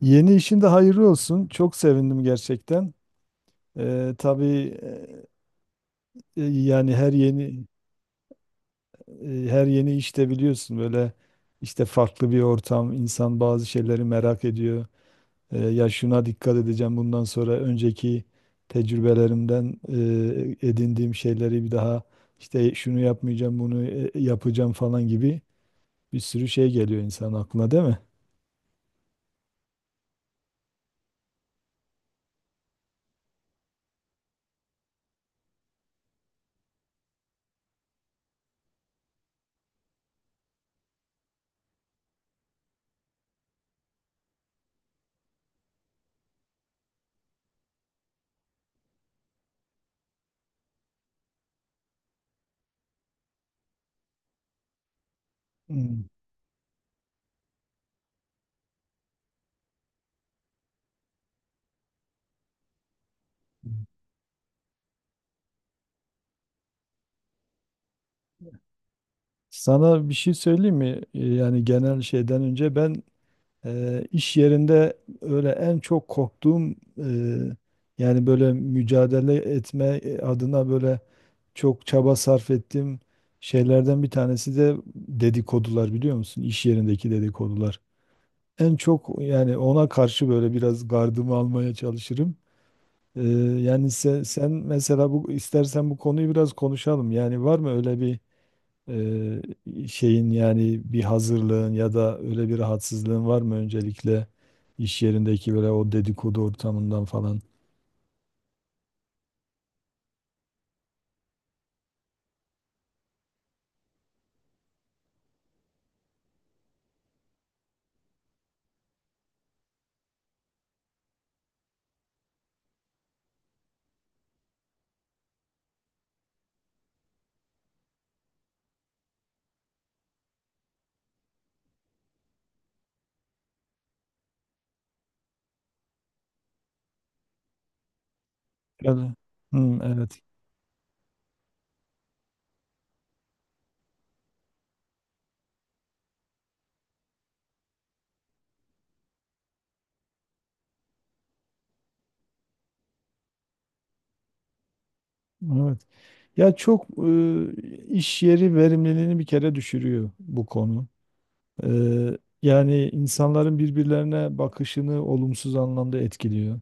Yeni işin de hayırlı olsun. Çok sevindim gerçekten. Tabii. Yani her yeni, her yeni işte biliyorsun böyle işte farklı bir ortam. İnsan bazı şeyleri merak ediyor. Ya şuna dikkat edeceğim bundan sonra, önceki tecrübelerimden edindiğim şeyleri bir daha, işte şunu yapmayacağım, bunu yapacağım falan gibi bir sürü şey geliyor insan aklına, değil mi? Hmm. Sana bir şey söyleyeyim mi? Yani genel şeyden önce, ben iş yerinde öyle en çok korktuğum eee, yani böyle mücadele etme adına, böyle çok çaba sarf ettiğim şeylerden bir tanesi de dedikodular, biliyor musun? İş yerindeki dedikodular. En çok yani ona karşı böyle biraz gardımı almaya çalışırım. Eee, Yani sen mesela, bu, istersen bu konuyu biraz konuşalım. Yani var mı öyle bir ee, şeyin, yani bir hazırlığın ya da öyle bir rahatsızlığın var mı, öncelikle iş yerindeki böyle o dedikodu ortamından falan? Yani, hı, evet. Evet. Ya çok, iş yeri verimliliğini bir kere düşürüyor bu konu. Yani insanların birbirlerine bakışını olumsuz anlamda etkiliyor.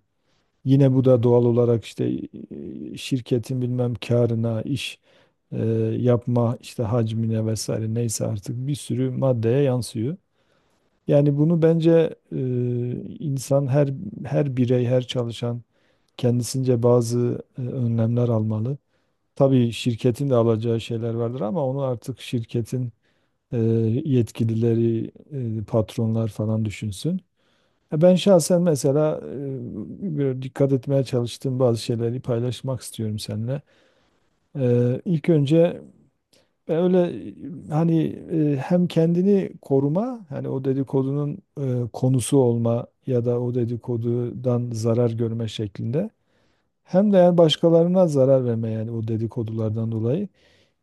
Yine bu da doğal olarak işte, şirketin bilmem karına, iş e, yapma işte hacmine vesaire, neyse artık bir sürü maddeye yansıyor. Yani bunu bence, insan her birey, her çalışan kendisince bazı önlemler almalı. Tabii şirketin de alacağı şeyler vardır, ama onu artık şirketin e, yetkilileri, patronlar falan düşünsün. Ya, ben şahsen mesela böyle dikkat etmeye çalıştığım bazı şeyleri paylaşmak istiyorum seninle. İlk önce ben öyle, hani hem kendini koruma, hani o dedikodunun konusu olma ya da o dedikodudan zarar görme şeklinde. Hem de yani başkalarına zarar verme, yani o dedikodulardan dolayı,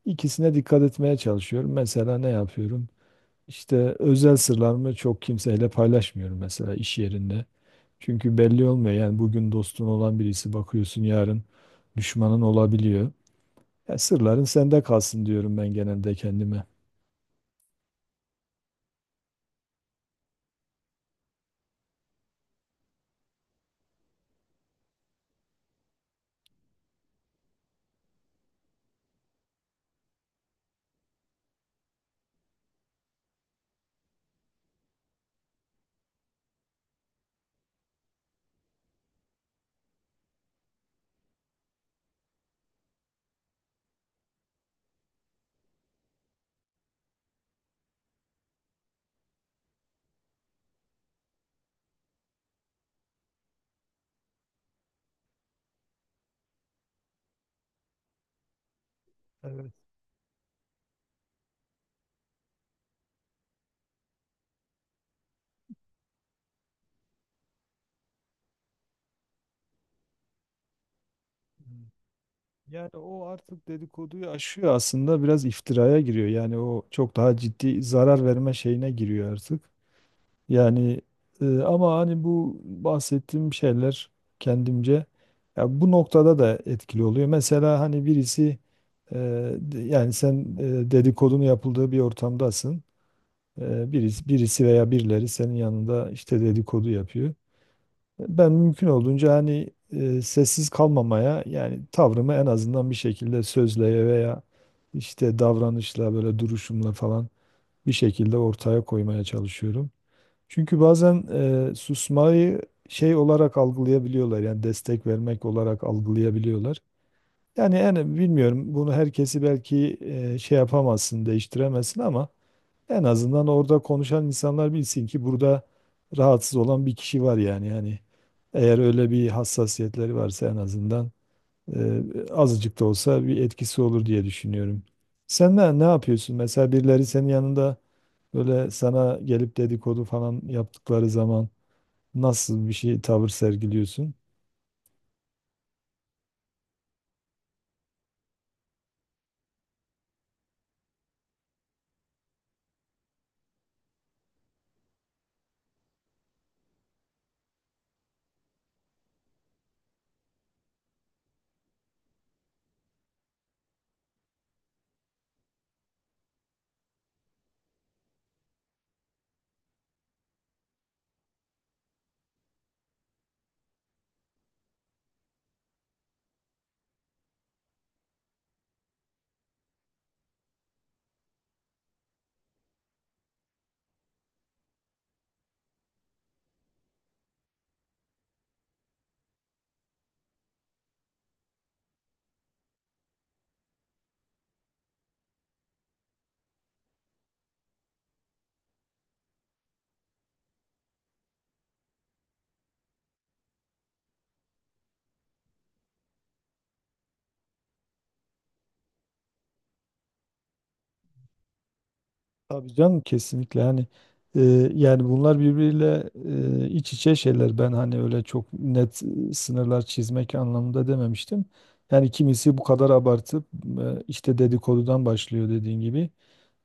ikisine dikkat etmeye çalışıyorum. Mesela ne yapıyorum? İşte özel sırlarımı çok kimseyle paylaşmıyorum mesela iş yerinde. Çünkü belli olmuyor. Yani bugün dostun olan birisi, bakıyorsun, yarın düşmanın olabiliyor. Ya sırların sende kalsın, diyorum ben genelde kendime. Evet. Evet. Yani o artık dedikoduyu aşıyor aslında, biraz iftiraya giriyor. Yani o çok daha ciddi zarar verme şeyine giriyor artık. Yani, ama hani bu bahsettiğim şeyler kendimce, ya bu noktada da etkili oluyor. Mesela hani birisi, e, yani sen, dedikodunu yapıldığı bir ortamdasın. Birisi, veya birileri senin yanında işte dedikodu yapıyor. Ben mümkün olduğunca hani sessiz kalmamaya, yani tavrımı en azından bir şekilde sözle veya işte davranışla, böyle duruşumla falan, bir şekilde ortaya koymaya çalışıyorum. Çünkü bazen susmayı şey olarak algılayabiliyorlar, yani destek vermek olarak algılayabiliyorlar. Yani en, bilmiyorum, bunu herkesi belki şey yapamazsın, değiştiremezsin ama en azından orada konuşan insanlar bilsin ki burada rahatsız olan bir kişi var yani. Yani eğer öyle bir hassasiyetleri varsa en azından e, azıcık da olsa bir etkisi olur diye düşünüyorum. Sen ne yapıyorsun mesela? Birileri senin yanında böyle sana gelip dedikodu falan yaptıkları zaman nasıl bir şey, tavır sergiliyorsun? Tabii canım, kesinlikle, hani e, yani bunlar birbiriyle iç içe şeyler. Ben hani öyle çok net sınırlar çizmek anlamında dememiştim. Yani kimisi bu kadar abartıp işte dedikodudan başlıyor dediğin gibi.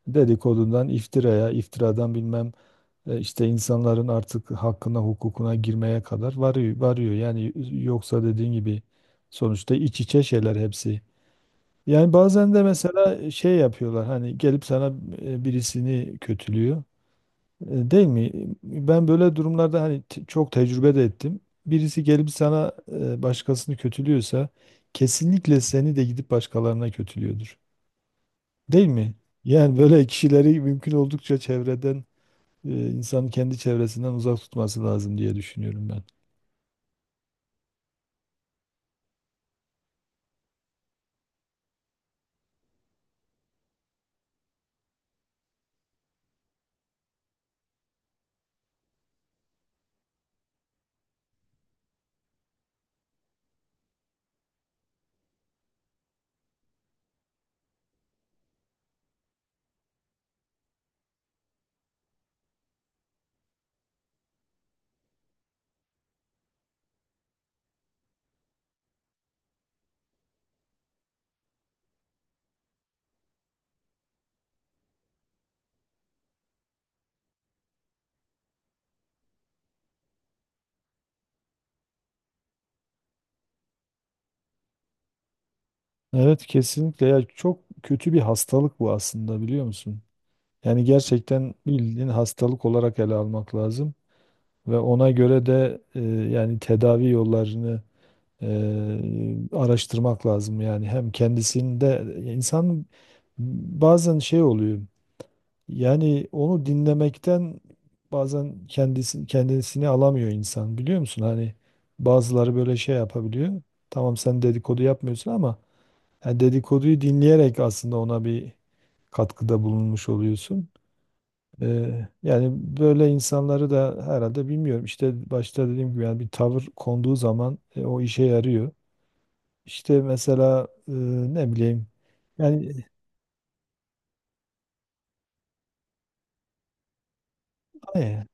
Dedikodudan iftiraya, iftiradan bilmem, işte insanların artık hakkına, hukukuna girmeye kadar varıyor. Yani yoksa dediğin gibi sonuçta iç içe şeyler hepsi. Yani bazen de mesela şey yapıyorlar, hani gelip sana birisini kötülüyor. E, değil mi? Ben böyle durumlarda hani çok tecrübe de ettim. Birisi gelip sana başkasını kötülüyorsa kesinlikle seni de gidip başkalarına kötülüyordur. Değil mi? Yani böyle kişileri mümkün oldukça çevreden, insanın kendi çevresinden uzak tutması lazım diye düşünüyorum ben. Evet, kesinlikle. Ya çok kötü bir hastalık bu aslında, biliyor musun? Yani gerçekten bildiğin hastalık olarak ele almak lazım ve ona göre de yani tedavi yollarını e, araştırmak lazım. Yani hem kendisinde insan bazen şey oluyor, yani onu dinlemekten bazen kendisi kendisini alamıyor insan, biliyor musun? Hani bazıları böyle şey yapabiliyor. Tamam, sen dedikodu yapmıyorsun ama yani dedikoduyu dinleyerek aslında ona bir katkıda bulunmuş oluyorsun. Yani böyle insanları da herhalde, bilmiyorum, İşte başta dediğim gibi yani bir tavır konduğu zaman o işe yarıyor. İşte mesela, ne bileyim, yani e,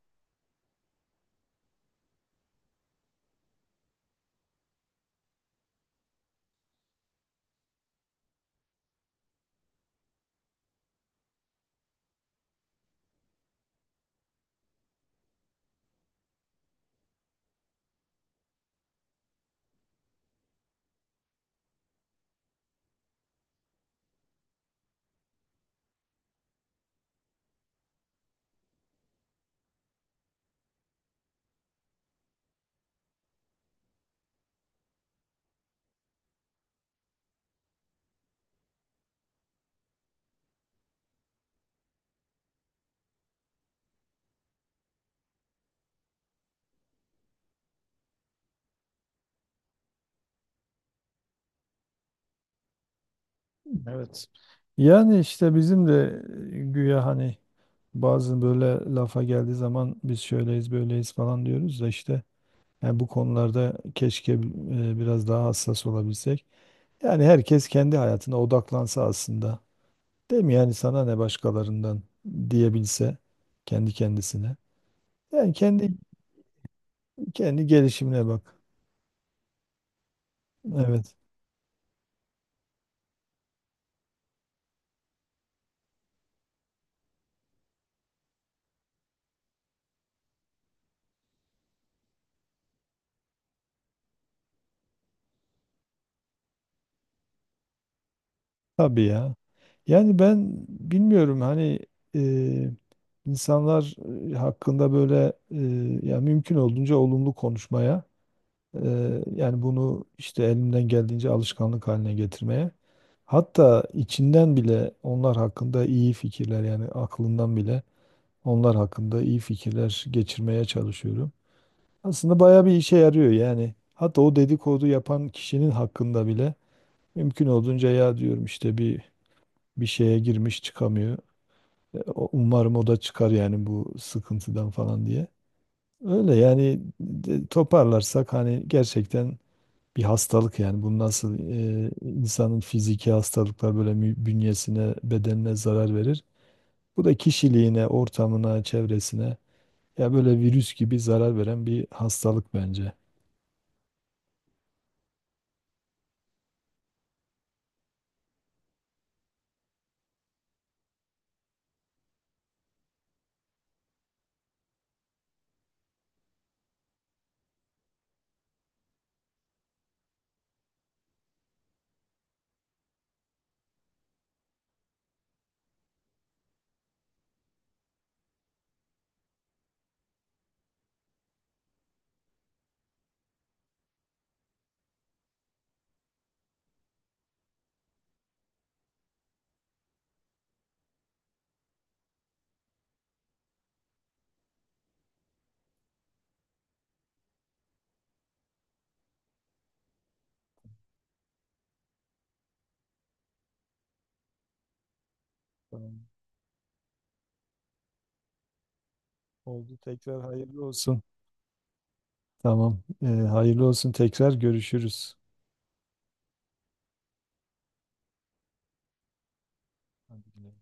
evet. Yani işte bizim de güya hani bazı böyle lafa geldiği zaman biz şöyleyiz böyleyiz falan diyoruz da, işte yani bu konularda keşke biraz daha hassas olabilsek. Yani herkes kendi hayatına odaklansa aslında. Değil mi? Yani sana ne başkalarından diyebilse kendi kendisine. Yani kendi, gelişimine bak. Evet. Tabii ya. Yani ben bilmiyorum, hani e, insanlar hakkında böyle ya mümkün olduğunca olumlu konuşmaya, yani bunu işte elimden geldiğince alışkanlık haline getirmeye. Hatta içinden bile onlar hakkında iyi fikirler, yani aklından bile onlar hakkında iyi fikirler geçirmeye çalışıyorum. Aslında bayağı bir işe yarıyor yani. Hatta o dedikodu yapan kişinin hakkında bile mümkün olduğunca ya, diyorum, işte bir şeye girmiş çıkamıyor. Umarım o da çıkar yani bu sıkıntıdan falan diye. Öyle yani, toparlarsak hani gerçekten bir hastalık. Yani bu nasıl insanın fiziki hastalıklar böyle bünyesine, bedenine zarar verir. Bu da kişiliğine, ortamına, çevresine, ya böyle virüs gibi zarar veren bir hastalık bence. Tamam. Oldu, tekrar hayırlı olsun. Tamam. Hayırlı olsun, tekrar görüşürüz. Hadi güle.